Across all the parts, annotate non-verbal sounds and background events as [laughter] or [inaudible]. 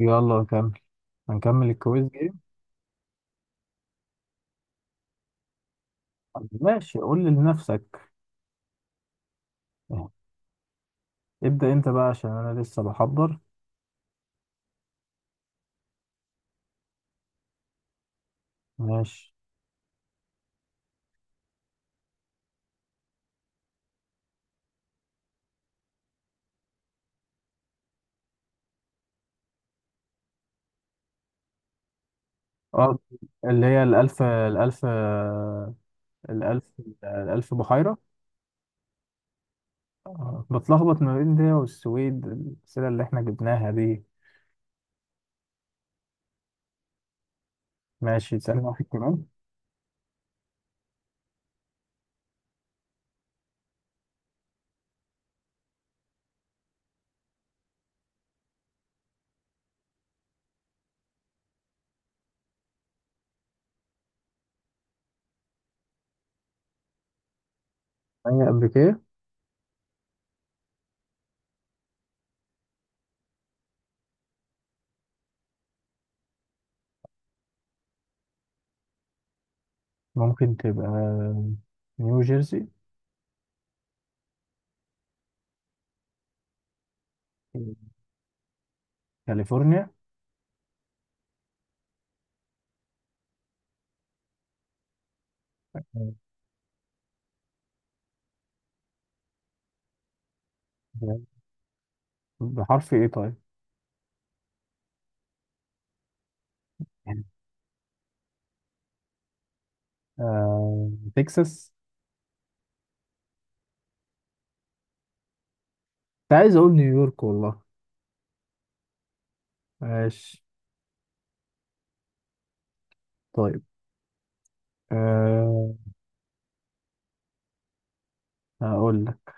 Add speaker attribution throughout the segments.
Speaker 1: يلا نكمل. هنكمل الكويز جيم. ماشي، قول لي لنفسك. ابدأ انت بقى عشان انا لسه بحضر. ماشي. اه، اللي هي الألف الألف الألف بحيرة. بتلخبط ما بين ده والسويد، الأسئلة اللي احنا جبناها دي. ماشي، سألنا واحد كمان. هي أمريكية. ممكن تبقى نيو جيرسي. كاليفورنيا. بحرف ايه طيب؟ آه، تكساس. كنت عايز اقول نيويورك والله. ماشي. طيب. أه هقول لك.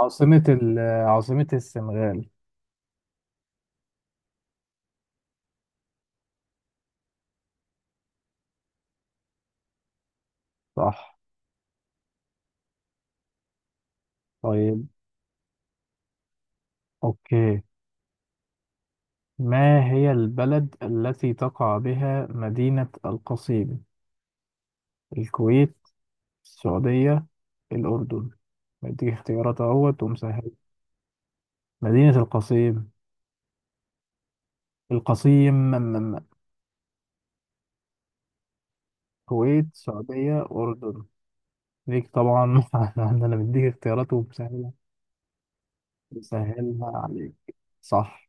Speaker 1: عاصمة ال عاصمة السنغال. صح. طيب. أوكي. ما هي البلد التي تقع بها مدينة القصيم؟ الكويت، السعودية، الأردن. بديك اختيارات اهوت ومسهل. مدينة القصيم. القصيم. الكويت، السعودية، أردن. ليك طبعا. [laughs] أنا مديك اختيارات ومسهلة، مسهلها عليك. صح.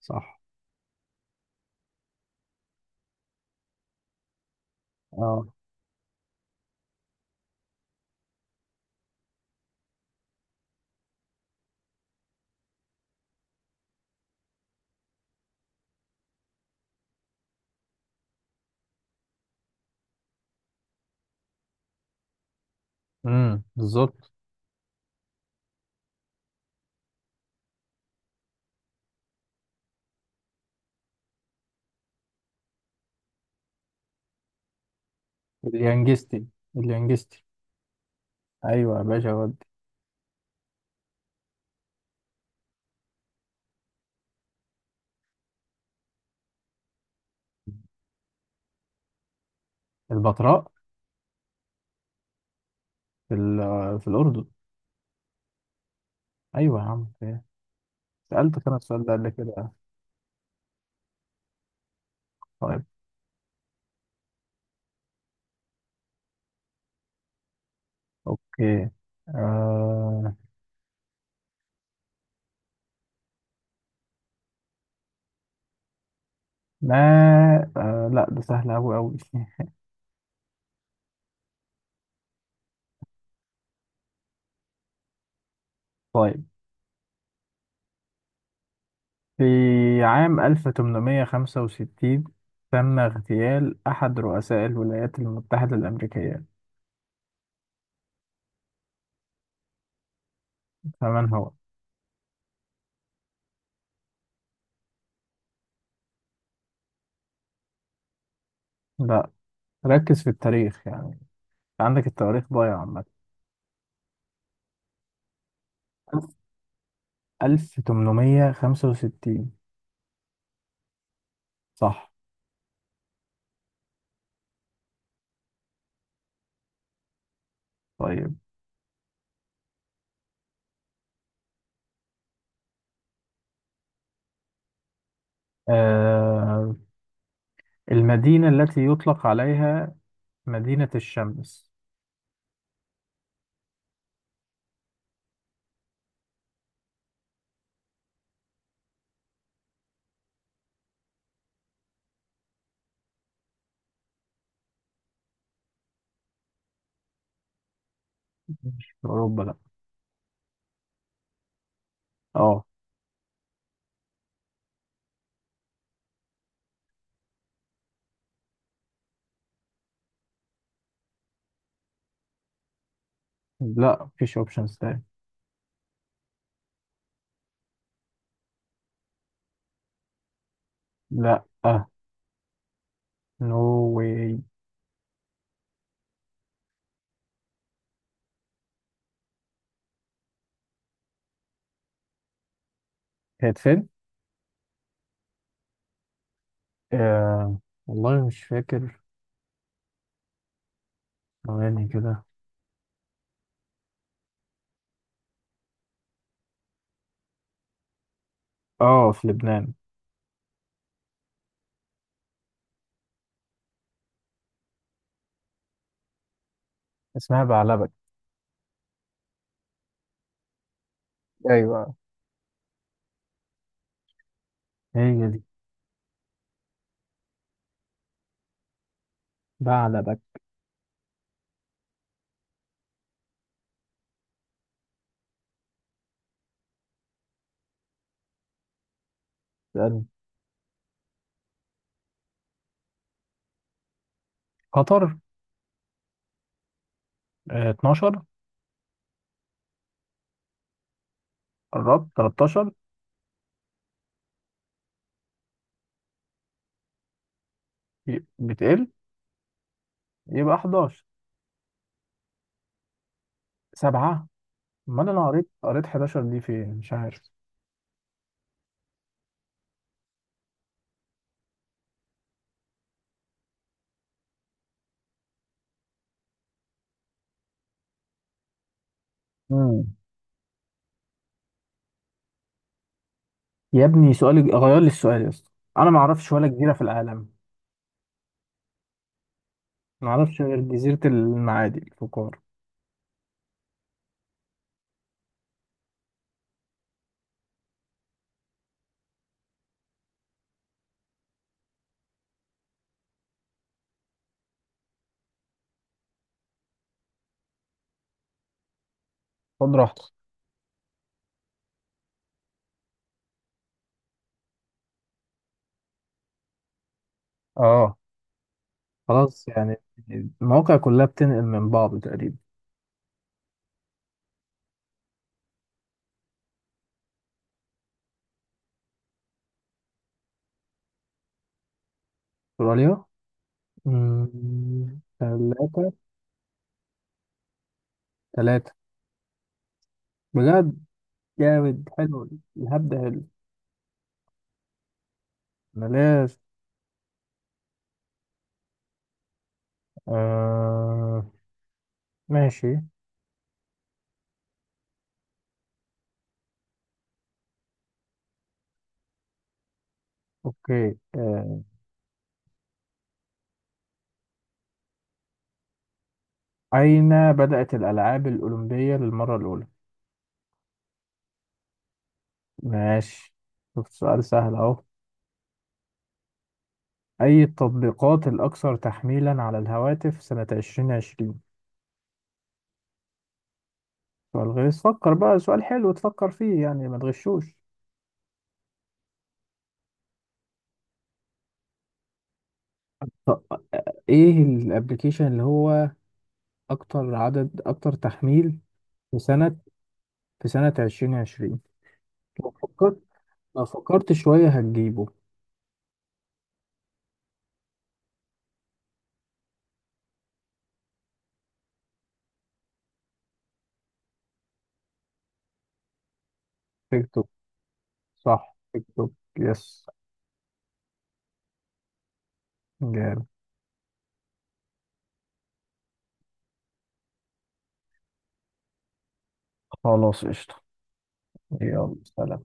Speaker 1: صح. اه. امم، بالظبط. اليانجستي. اليانجستي. ايوه يا باشا ودي. البتراء؟ في الاردن. ايوه يا عم، في إيه؟ سالتك انا السؤال ده قبل كده. طيب. اوكي. آه، ما، لا، ده سهل أوي أوي. [laughs] طيب، في عام 1865 تم اغتيال أحد رؤساء الولايات المتحدة الأمريكية، فمن هو؟ لا، ركز في التاريخ يعني. عندك التواريخ ضايعة عامة. 1865. صح. طيب. آه المدينة التي يطلق عليها مدينة الشمس. مش في أوروبا لأ. اه. لأ مفيش أوبشنز تاني. لأ. نو واي. كانت فين؟ آه والله مش فاكر. ثواني كده. اه، في لبنان. اسمها بعلبك. ايوه، هي دي. بعلبك. سألني. قطر. 12. قربت 13. بتقل، يبقى 11. سبعة. أمال أنا قريت، 11 دي فين مش عارف. يا ابني، سؤالي غير لي السؤال يا اسطى. انا ما اعرفش ولا جزيره في العالم. ما اعرفش غير جزيره المعادي الفقار. خد راحتك. اه، خلاص يعني، المواقع كلها بتنقل من بعض تقريبا. استراليا. ثلاثة. ثلاثة. بجد؟ جامد، حلو. الهبد ده، حلو. ملاش. آه، ماشي. اوكي. أين بدأت الألعاب الأولمبية للمرة الأولى؟ ماشي. شوف سؤال سهل أهو. أي التطبيقات الأكثر تحميلا على الهواتف سنة 2020؟ سؤال غيظ. فكر بقى سؤال حلو تفكر فيه يعني، ما تغشوش. طب، إيه الأبليكيشن اللي هو أكتر عدد، أكتر تحميل في سنة في سنة 2020؟ لو فكرت لو فكرت شوية هتجيبه. تيك توك. صح، تيك توك. يس. جامد. خلاص قشطة. يلا سلام.